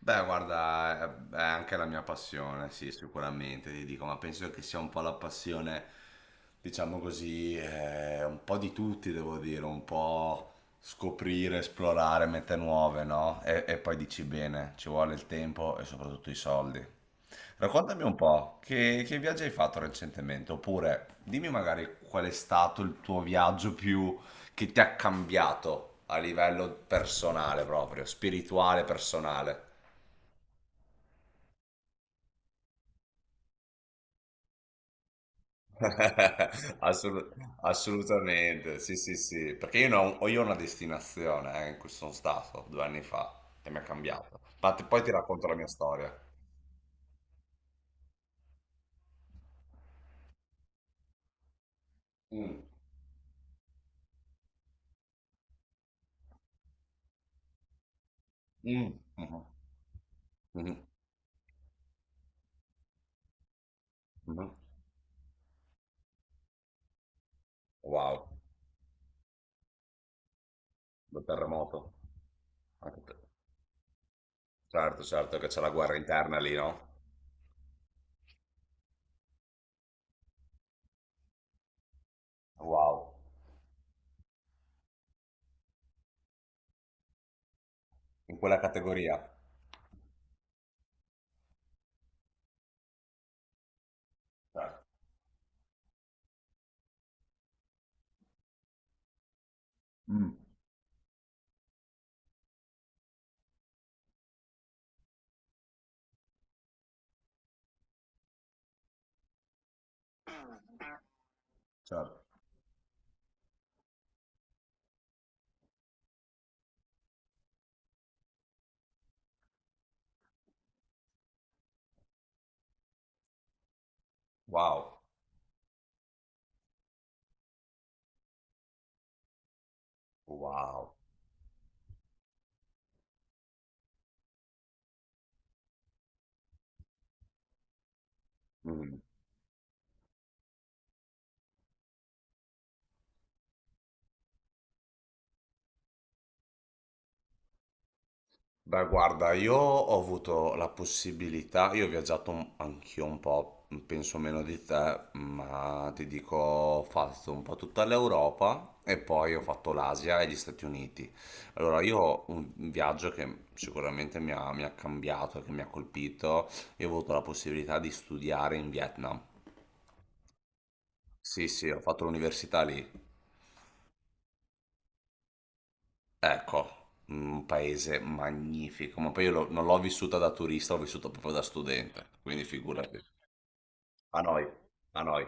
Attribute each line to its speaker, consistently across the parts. Speaker 1: Beh, guarda, è anche la mia passione, sì, sicuramente, ti dico, ma penso che sia un po' la passione, diciamo così, un po' di tutti, devo dire, un po' scoprire, esplorare mete nuove, no? E poi dici bene, ci vuole il tempo e soprattutto i soldi. Raccontami un po', che viaggi hai fatto recentemente? Oppure dimmi magari qual è stato il tuo viaggio più che ti ha cambiato a livello personale proprio, spirituale, personale. Assolut- assolutamente, sì, sì, sì, perché io, non- ho io ho una destinazione in cui sono stato 2 anni fa e mi è cambiato. Ma poi ti racconto la mia storia. Mm. Mm. Mhm. Mhm. Mhm. Wow, lo terremoto. Anche te. Certo, certo che c'è la guerra interna lì, no? Wow, in quella categoria. Certo. Mm, certo. Wow, wow. Mm-hmm. Beh, guarda, io ho avuto la possibilità, io ho viaggiato anch'io un po', penso meno di te, ma ti dico, ho fatto un po' tutta l'Europa e poi ho fatto l'Asia e gli Stati Uniti. Allora, io ho un viaggio che sicuramente mi ha, cambiato, che mi ha colpito, io ho avuto la possibilità di studiare in Vietnam. Sì, sì, ho fatto l'università lì. Ecco, un paese magnifico, ma poi io non l'ho vissuta da turista, l'ho vissuta proprio da studente, quindi figurati. A noi, a noi.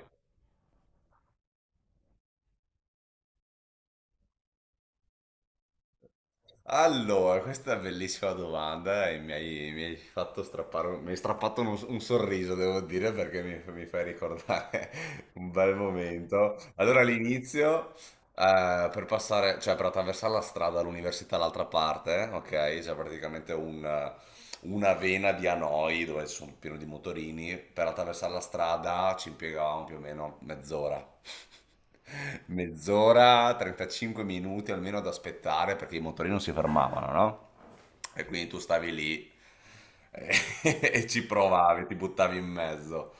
Speaker 1: Allora, questa è una bellissima domanda e mi hai fatto strappare, mi hai strappato un sorriso, devo dire, perché mi fai ricordare un bel momento. Allora, all'inizio, per passare, cioè per attraversare la strada all'università all'altra parte, ok? C'è praticamente una vena di Hanoi dove sono pieno di motorini, per attraversare la strada ci impiegavamo più o meno mezz'ora. Mezz'ora, 35 minuti almeno ad aspettare perché i motorini non si fermavano, no? E quindi tu stavi lì e, e ci provavi, ti buttavi in mezzo.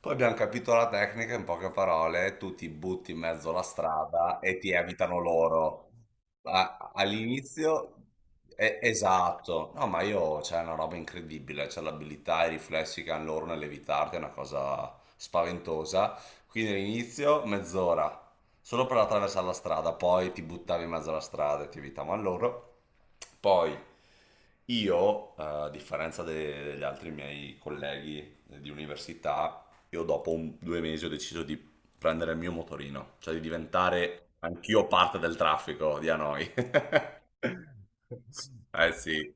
Speaker 1: Poi abbiamo capito la tecnica, in poche parole, tu ti butti in mezzo alla strada e ti evitano loro. All'inizio, esatto, no, ma io c'è una roba incredibile, c'è l'abilità e i riflessi che hanno loro nell'evitarti, è una cosa spaventosa. Quindi all'inizio mezz'ora, solo per attraversare la strada, poi ti buttavi in mezzo alla strada e ti evitavano loro. Poi io, a differenza degli altri miei colleghi di università, io dopo 2 mesi ho deciso di prendere il mio motorino, cioè di diventare anch'io parte del traffico di Hanoi. Eh sì.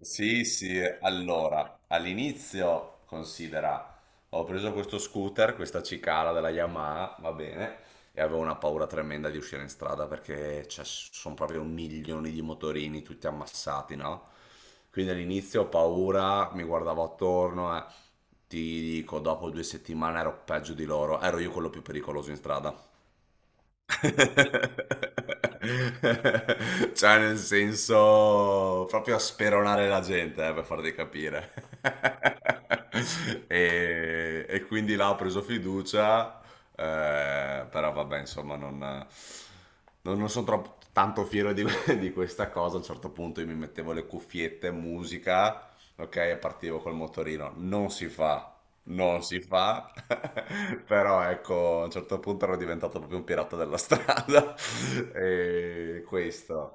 Speaker 1: Sì, sì, allora, all'inizio considera, ho preso questo scooter, questa cicala della Yamaha, va bene, e avevo una paura tremenda di uscire in strada perché cioè, sono proprio milioni di motorini tutti ammassati, no? Quindi all'inizio ho paura, mi guardavo attorno e ti dico, dopo 2 settimane ero peggio di loro, ero io quello più pericoloso in strada. Cioè, nel senso, proprio a speronare la gente, per farti capire. E quindi là ho preso fiducia, però vabbè, insomma, non sono troppo, tanto fiero di, di questa cosa. A un certo punto io mi mettevo le cuffiette, musica, ok, e partivo col motorino. Non si fa non si fa, però ecco, a un certo punto ero diventato proprio un pirata della strada. E questo.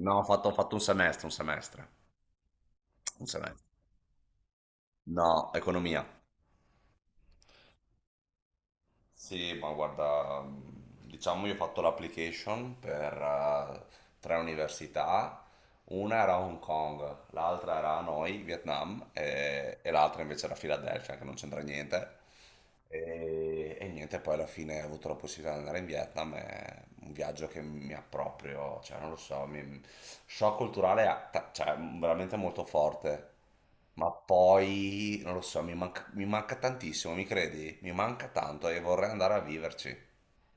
Speaker 1: No, ho fatto un semestre, un semestre, un semestre. No, economia. Sì, ma guarda, diciamo io ho fatto l'application per tre università. Una era Hong Kong, l'altra era Hanoi, Vietnam, e, l'altra invece era Filadelfia, che non c'entra niente. E niente, poi alla fine ho avuto la possibilità di andare in Vietnam, è un viaggio che mi ha proprio, cioè non lo so, shock culturale cioè, veramente molto forte, ma poi non lo so, mi manca tantissimo, mi credi? Mi manca tanto e vorrei andare a viverci.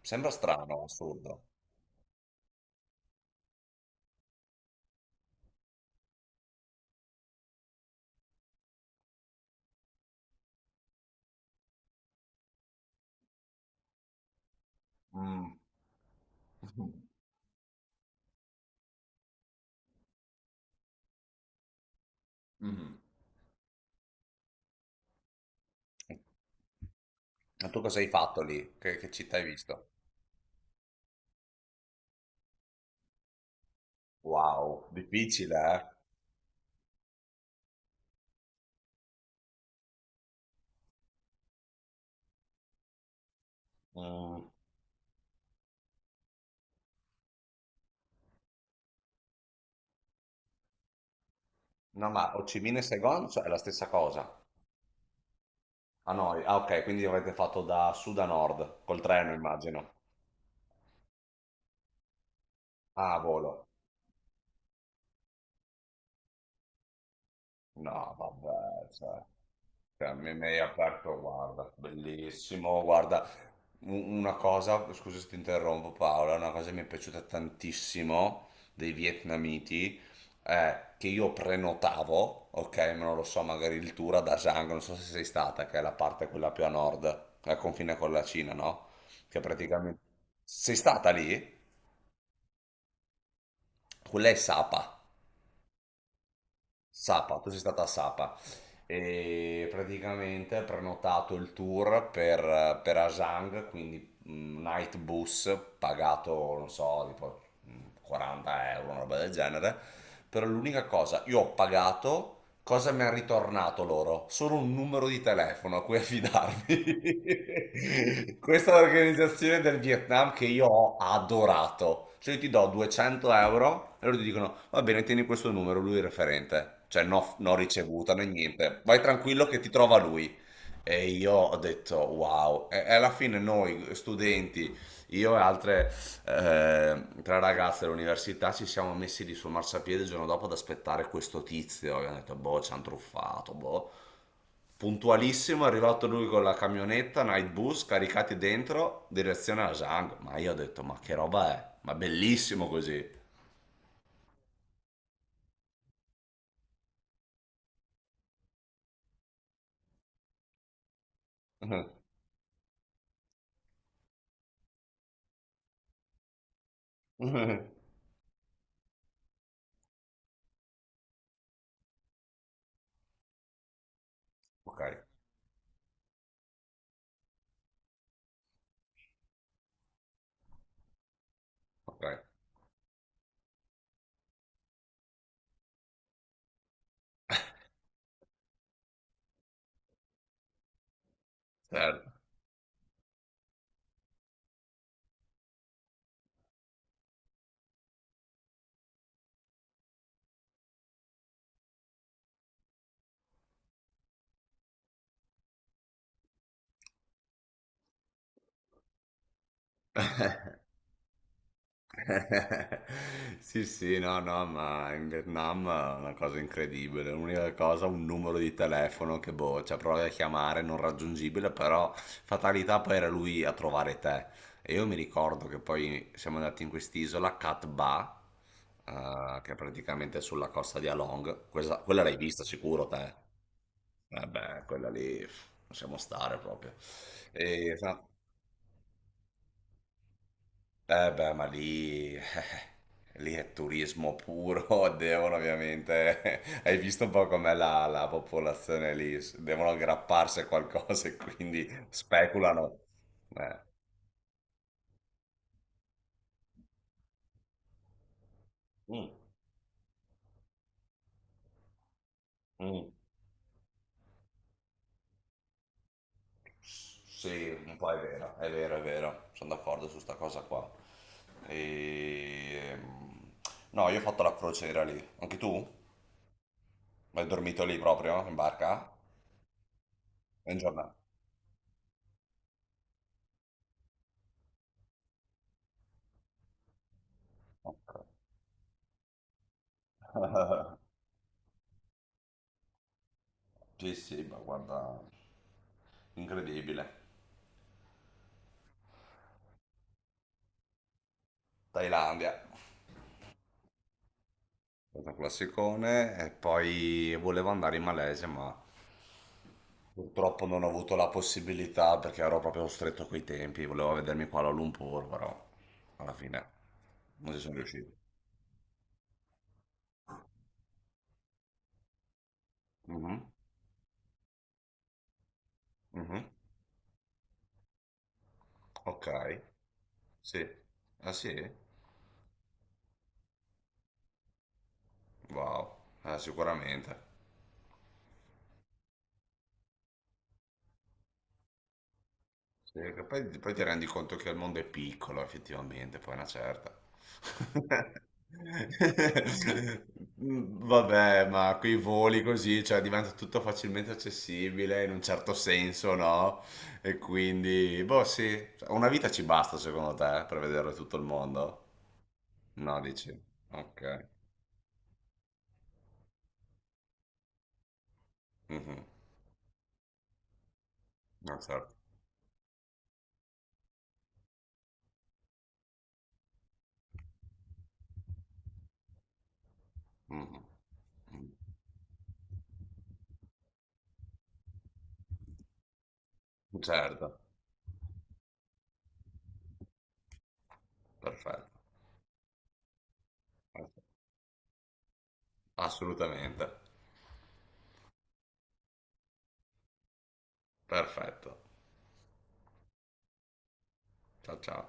Speaker 1: Sembra strano, assurdo. Mm. Mhm. Mhm. Ma tu cosa hai fatto lì? Che città hai visto? Wow, difficile, eh? Mm. No, ma Ho Chi Minh e Saigon cioè, è la stessa cosa. Ah, no, ah, ok, quindi avete fatto da sud a nord, col treno, immagino. Ah, a volo. No, vabbè, cioè. Cioè, mi hai aperto, guarda, bellissimo, guarda, una cosa, scusa se ti interrompo Paola, una cosa che mi è piaciuta tantissimo dei vietnamiti è che io prenotavo, ok, ma non lo so, magari il tour a Da Giang, non so se sei stata, che è la parte quella più a nord, al confine con la Cina, no? Che praticamente. Sei stata lì? Quella è Sapa. Sapa, tu sei stata a Sapa e praticamente hai prenotato il tour per Asang, quindi night bus pagato, non so, tipo 40 euro, una roba del genere. Però l'unica cosa, io ho pagato, cosa mi hanno ritornato loro? Solo un numero di telefono a cui affidarmi. Questa è l'organizzazione del Vietnam che io ho adorato. Cioè io ti do 200 € e loro ti dicono, va bene, tieni questo numero, lui è il referente. Cioè no, no ricevuta né niente. Vai tranquillo che ti trova lui. E io ho detto wow, e alla fine noi studenti, io e altre tre ragazze dell'università ci siamo messi lì sul marciapiede il giorno dopo ad aspettare questo tizio, abbiamo detto boh ci hanno truffato, boh. Puntualissimo è arrivato lui con la camionetta, night bus, caricati dentro, direzione alla Zang, ma io ho detto ma che roba è, ma bellissimo così. Ok, ok, certo. Sì, sì, no, no, ma in Vietnam è una cosa incredibile. L'unica cosa, un numero di telefono che boh, cioè provi a chiamare, non raggiungibile, però fatalità poi era lui a trovare te. E io mi ricordo che poi siamo andati in quest'isola, Cat Ba, che è praticamente sulla costa di Along. Quella l'hai vista sicuro te? Eh beh, quella lì, pff, possiamo stare proprio. E, eh beh, ma lì. Lì è turismo puro, devono ovviamente, hai visto un po' com'è la, popolazione lì, devono aggrapparsi a qualcosa e quindi speculano. Eh, mm, mm. Sì, un po' è vero, è vero, è vero, sono d'accordo su sta cosa qua. E... ehm, No, io ho fatto la crociera lì, anche tu? Hai dormito lì proprio, in barca? In giornata? Ok. Sì, sì, ma guarda, incredibile. Thailandia. Stato un classicone e poi volevo andare in Malesia, ma purtroppo non ho avuto la possibilità perché ero proprio stretto coi tempi, volevo vedermi qua a Lumpur, però alla fine non ci sono riuscito. Mhm, mhm. Ok, sì. Ah sì? Wow, sicuramente. Sì, che poi, ti rendi conto che il mondo è piccolo, effettivamente, poi è una certa. Mm, vabbè, ma quei voli così, cioè diventa tutto facilmente accessibile in un certo senso, no? E quindi, boh, sì, cioè, una vita ci basta secondo te per vedere tutto il mondo? No, dici? Ok. Mhm. No, certo. Mhm. Certo, perfetto. Assolutamente. Perfetto. Ciao ciao.